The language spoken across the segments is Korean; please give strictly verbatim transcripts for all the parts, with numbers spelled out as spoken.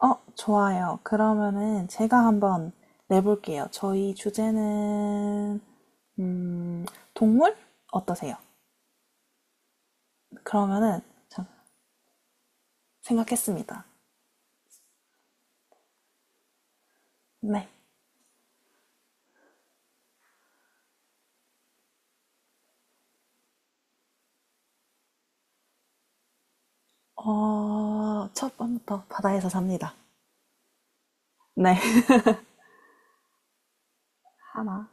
어, 좋아요. 그러면은 제가 한번 내볼게요. 저희 주제는, 음, 동물? 어떠세요? 그러면은, 참, 생각했습니다. 네. 어, 첫 번부터 바다에서 삽니다. 네. 하나.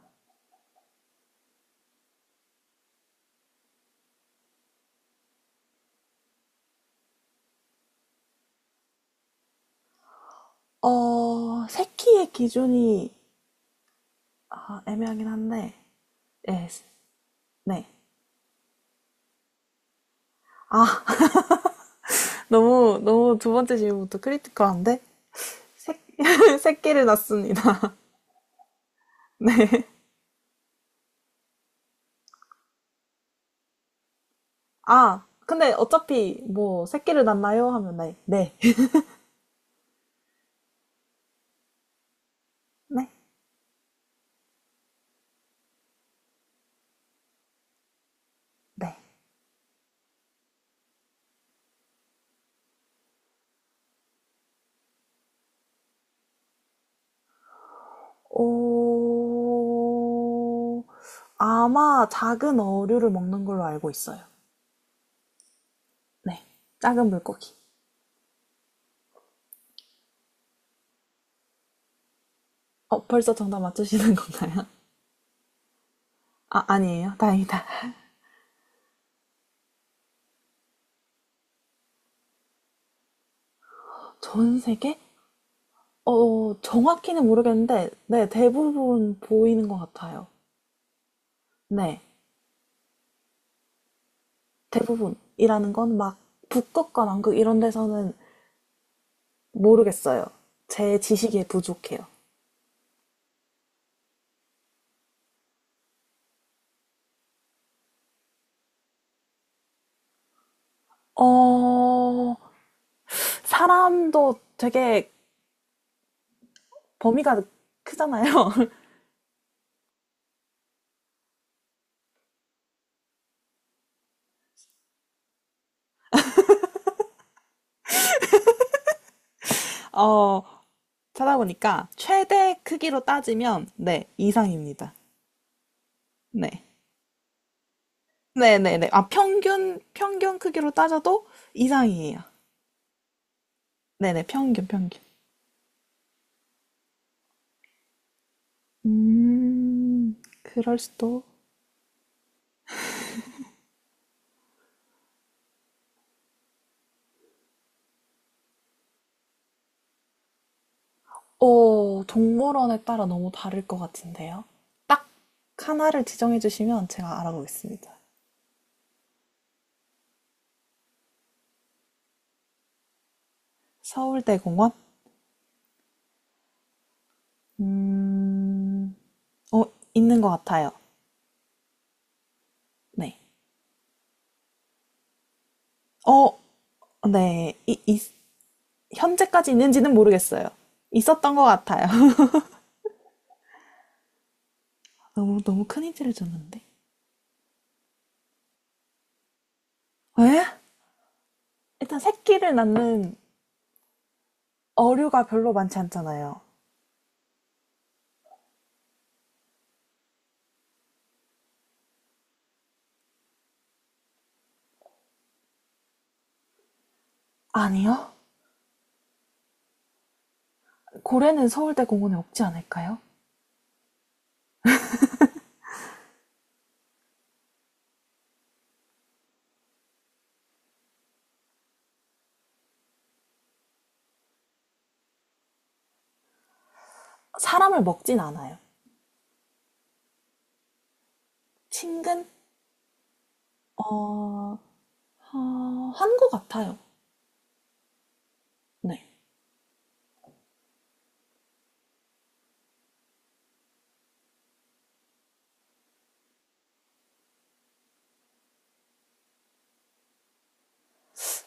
어, 새끼의 기준이, 아, 애매하긴 한데, 예, 네. 아, 너무, 너무 두 번째 질문부터 크리티컬한데? 새, 새끼를 낳습니다. 네. 아, 근데 어차피 뭐 새끼를 낳나요? 하면 네, 네, 네, 네. 어, 아마 작은 어류를 먹는 걸로 알고 있어요. 네, 작은 물고기. 어, 벌써 정답 맞추시는 건가요? 아, 아니에요. 다행이다. 전 세계? 어, 정확히는 모르겠는데, 네, 대부분 보이는 것 같아요. 네, 대부분이라는 건 막 북극과 남극 이런 데서는 모르겠어요. 제 지식이 부족해요. 어, 사람도 되게 범위가 크잖아요. 어, 찾아보니까 최대 크기로 따지면 네, 이상입니다. 네. 네네네. 아, 평균, 평균 크기로 따져도 이상이에요. 네네, 평균, 평균. 음, 그럴 수도. 어, 동물원에 따라 너무 다를 것 같은데요. 딱 하나를 지정해 주시면 제가 알아보겠습니다. 서울대공원? 음, 어, 있는 것 같아요. 네. 어, 네. 이, 이- 현재까지 있는지는 모르겠어요. 있었던 것 같아요. 너무, 너무 큰 힌트를 줬는데. 왜? 일단 새끼를 낳는 어류가 별로 많지 않잖아요. 아니요. 고래는 서울대 공원에 없지 않을까요? 사람을 먹진 않아요. 친근? 어, 어, 한 것 같아요. 네.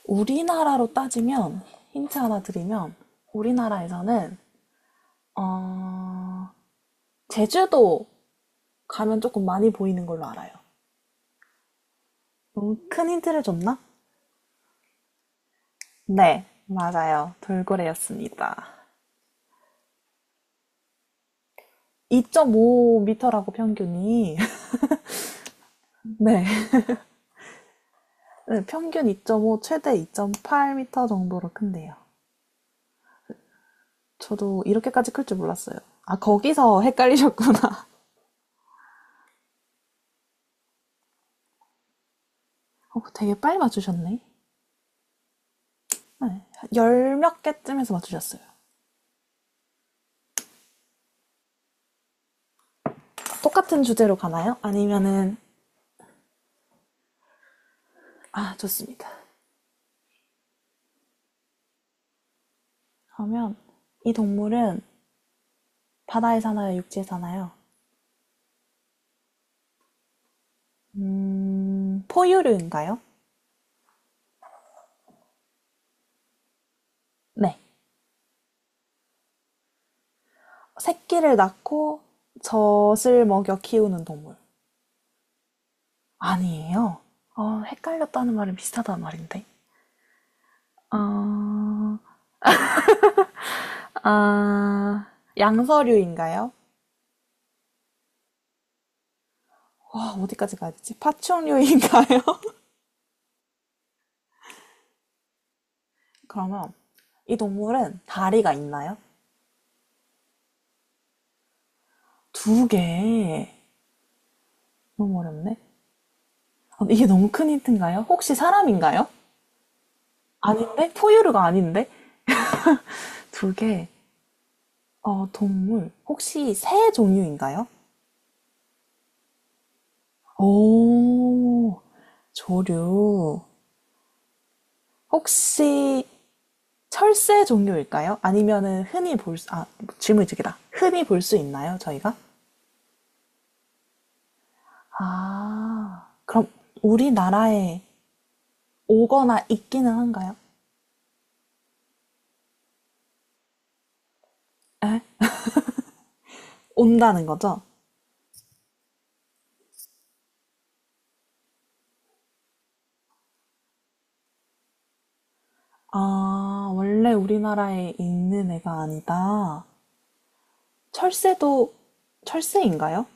우리나라로 따지면, 힌트 하나 드리면, 우리나라에서는, 어, 제주도 가면 조금 많이 보이는 걸로 알아요. 너무 큰 힌트를 줬나? 네, 맞아요. 돌고래였습니다. 이 점 오 미터라고 평균이. 네. 네, 평균 이 점 오, 최대 이 점 팔 미터 정도로 큰데요. 저도 이렇게까지 클 줄 몰랐어요. 아, 거기서 헷갈리셨구나. 어, 되게 빨리 맞추셨네. 네, 열 몇 개쯤에서 맞추셨어요. 똑같은 주제로 가나요? 아니면은, 아, 좋습니다. 그러면 이 동물은 바다에 사나요? 육지에 사나요? 음, 포유류인가요? 네. 새끼를 낳고 젖을 먹여 키우는 동물. 아니에요. 어, 헷갈렸다는 말은 비슷하다는 말인데. 아, 아, 양서류인가요? 와, 어디까지 가야 되지? 파충류인가요? 그러면 이 동물은 다리가 있나요? 두 개. 너무 어렵네. 아, 이게 너무 큰 힌트인가요? 혹시 사람인가요? 아닌데? 포유류가 아닌데? 두 개. 어, 동물. 혹시 새 종류인가요? 오, 조류. 혹시 철새 종류일까요? 아니면은 흔히 볼 수, 아, 질문이 두 개다. 흔히 볼 수 있나요, 저희가? 아, 그럼 우리나라에 오거나 있기는 한가요? 온다는 거죠? 아, 원래 우리나라에 있는 애가 아니다. 철새도, 철새인가요?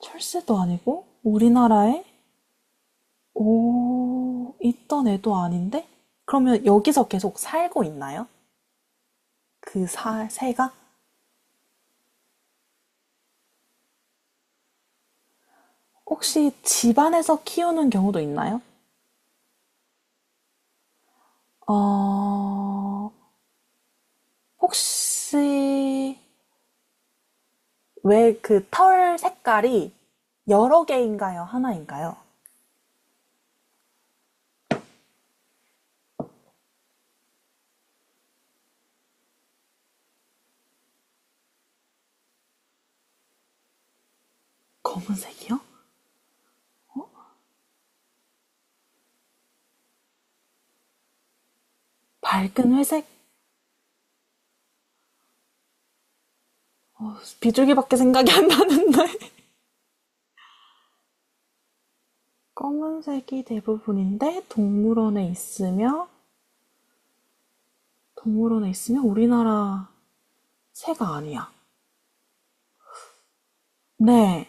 철새도 아니고, 우리나라에 오, 있던 애도 아닌데? 그러면 여기서 계속 살고 있나요? 그 사, 새가? 혹시 집안에서 키우는 경우도 있나요? 어, 혹시 왜 그 털 색깔이 여러 개인가요? 하나인가요? 검은색이요? 밝은 회색? 어, 비둘기밖에 생각이 안 나는데. 검은색이 대부분인데 동물원에 있으며 동물원에 있으면 우리나라 새가 아니야. 네.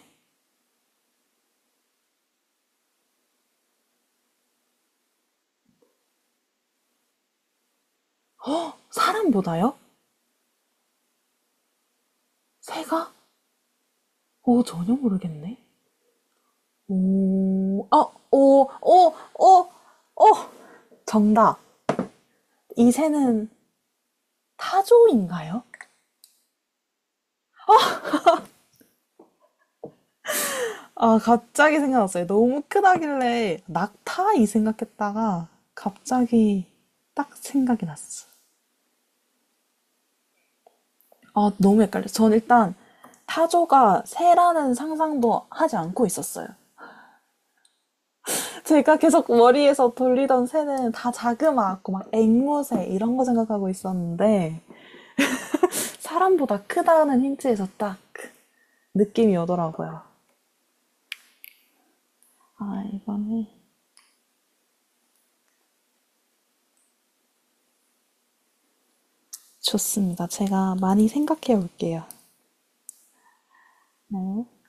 허! 사람보다요? 새가? 어, 전혀 모르겠네. 오, 아, 오, 오, 오, 오! 정답. 이 새는 타조인가요? 아, 갑자기 생각났어요. 너무 크다길래 낙타 이 생각했다가 갑자기 딱 생각이 났어. 아, 너무 헷갈려. 전 일단 타조가 새라는 상상도 하지 않고 있었어요. 제가 계속 머리에서 돌리던 새는 다 자그마하고 막 앵무새 이런 거 생각하고 있었는데 사람보다 크다는 힌트에서 딱 느낌이 오더라고요. 아, 이거는 좋습니다. 제가 많이 생각해 볼게요 네.